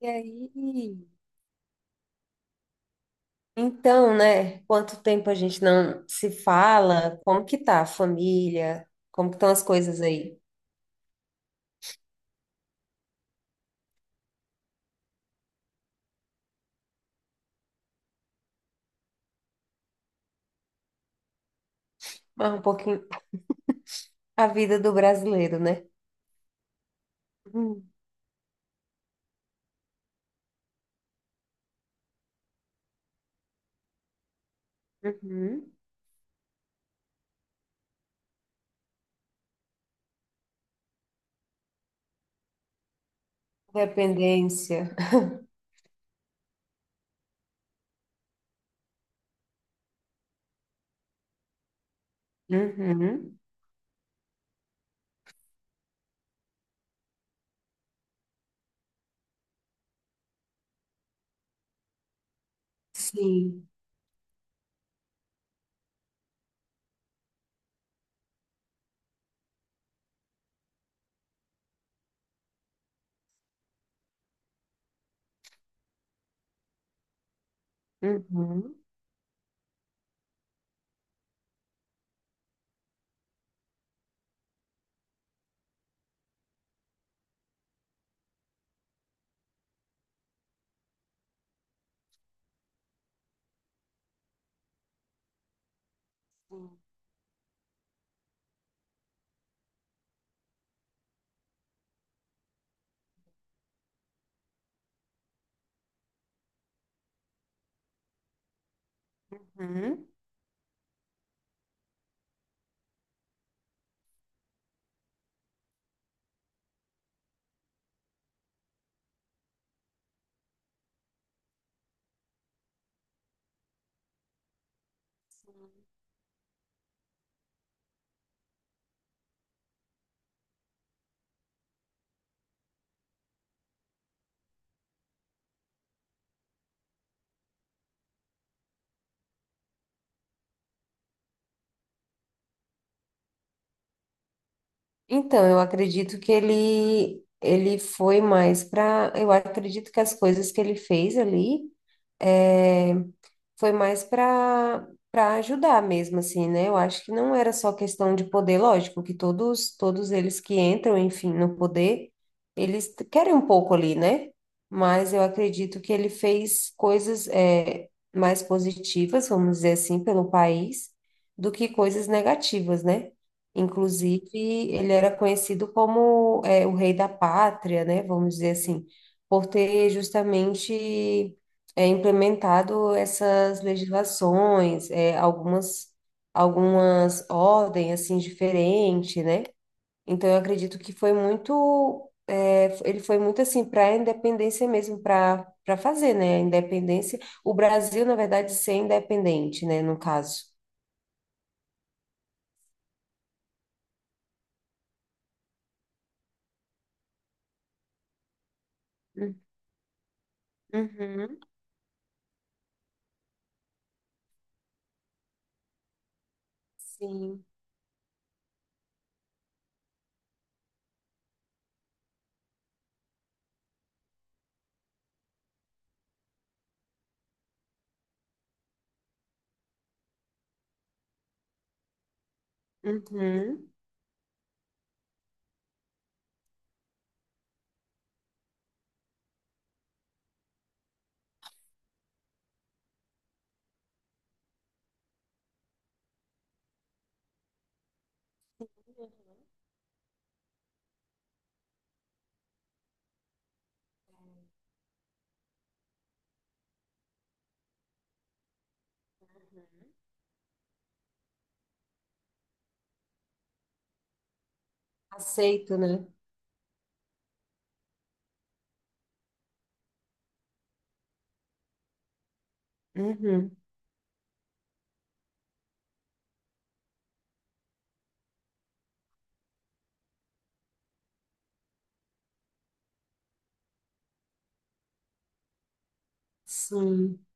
E aí? Então, né? Quanto tempo a gente não se fala? Como que tá a família? Como que estão as coisas aí? Mas um pouquinho a vida do brasileiro, né? Uhum. Uhum. Dependência. Uhum. Sim. Uhum. Uhum. Então, eu acredito que ele foi mais para, eu acredito que as coisas que ele fez ali eh, foi mais para ajudar mesmo, assim, né? Eu acho que não era só questão de poder, lógico, que todos eles que entram, enfim, no poder, querem um pouco ali, né? Mas eu acredito que ele fez coisas mais positivas, vamos dizer assim, pelo país, do que coisas negativas, né? Inclusive, ele era conhecido como o rei da pátria, né? Vamos dizer assim, por ter justamente implementado essas legislações, algumas ordens assim diferentes, né? Então eu acredito que ele foi muito assim para a independência mesmo, para fazer, né? A independência, o Brasil na verdade ser independente, né? No caso. Uhum, sim. Uhum. Aceito, né? Uhum. Sim.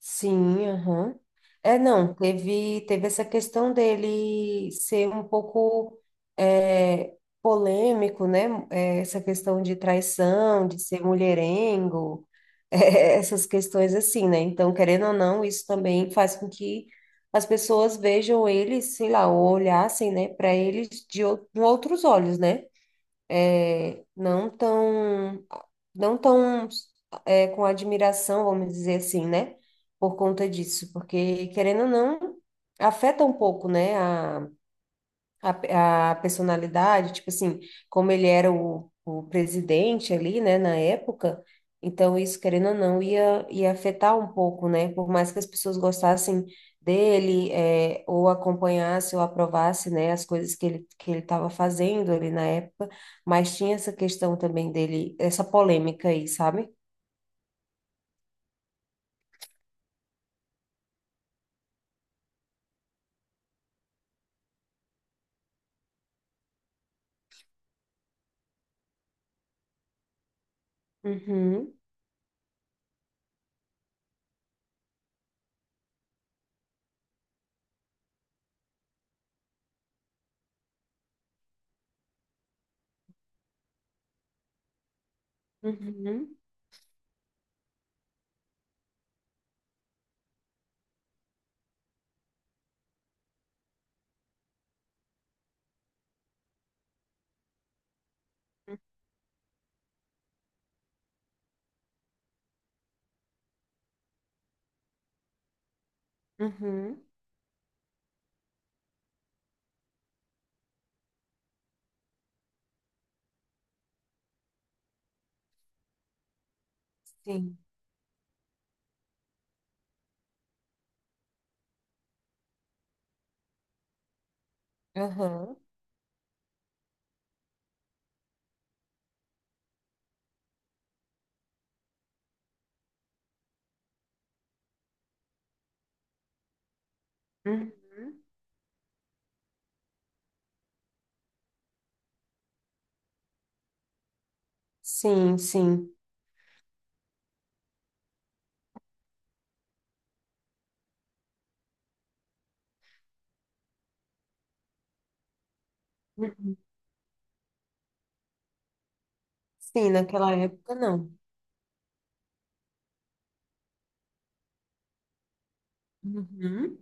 Sim, aham. É, não, teve essa questão dele ser um pouco é, polêmico, né? É, essa questão de traição, de ser mulherengo, essas questões assim, né? Então, querendo ou não, isso também faz com que as pessoas vejam ele, sei lá, ou olhassem, né, para ele com outros olhos, né? É, não tão com admiração, vamos dizer assim, né? Por conta disso, porque querendo ou não, afeta um pouco, né? A personalidade, tipo assim, como ele era o presidente ali, né, na época, então isso, querendo ou não, ia afetar um pouco, né? Por mais que as pessoas gostassem dele, ou acompanhasse ou aprovasse, né, as coisas que ele estava fazendo ali na época, mas tinha essa questão também dele, essa polêmica aí, sabe? Uhum. Uhum, uhum, sim, aham, uhum, sim, sim, uhum, sim, naquela época não. Uhum,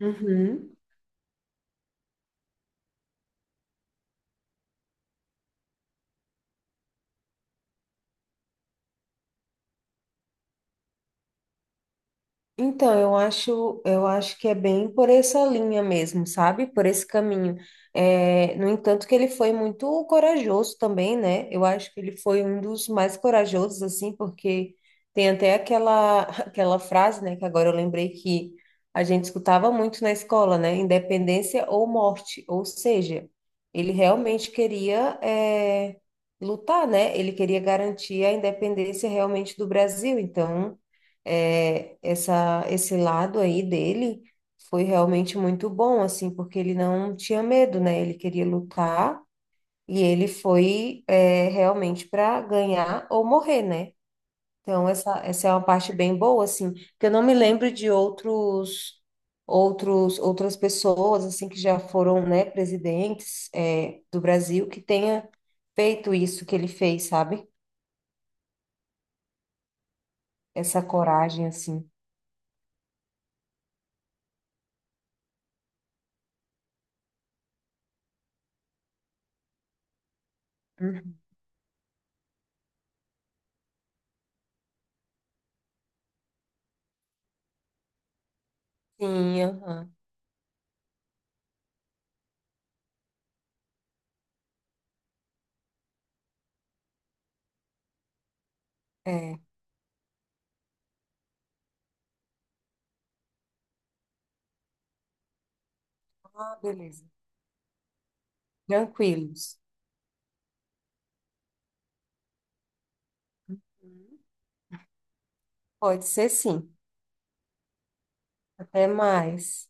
uhum. Então, eu acho que é bem por essa linha mesmo, sabe? Por esse caminho. É, no entanto, que ele foi muito corajoso também, né? Eu acho que ele foi um dos mais corajosos, assim, porque tem até aquela, aquela frase, né? Que agora eu lembrei que a gente escutava muito na escola, né? Independência ou morte. Ou seja, ele realmente queria, lutar, né? Ele queria garantir a independência realmente do Brasil. Então esse lado aí dele foi realmente muito bom, assim, porque ele não tinha medo, né? Ele queria lutar e ele foi, realmente para ganhar ou morrer, né? Então, essa é uma parte bem boa, assim, que eu não me lembro de outros. Outras pessoas assim que já foram, né, presidentes do Brasil que tenha feito isso que ele fez, sabe? Essa coragem assim. Uhum. Sim, aham. É. Ah, beleza. Tranquilos. Uhum. Pode ser sim. Até mais.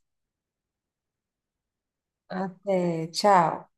Até. Tchau.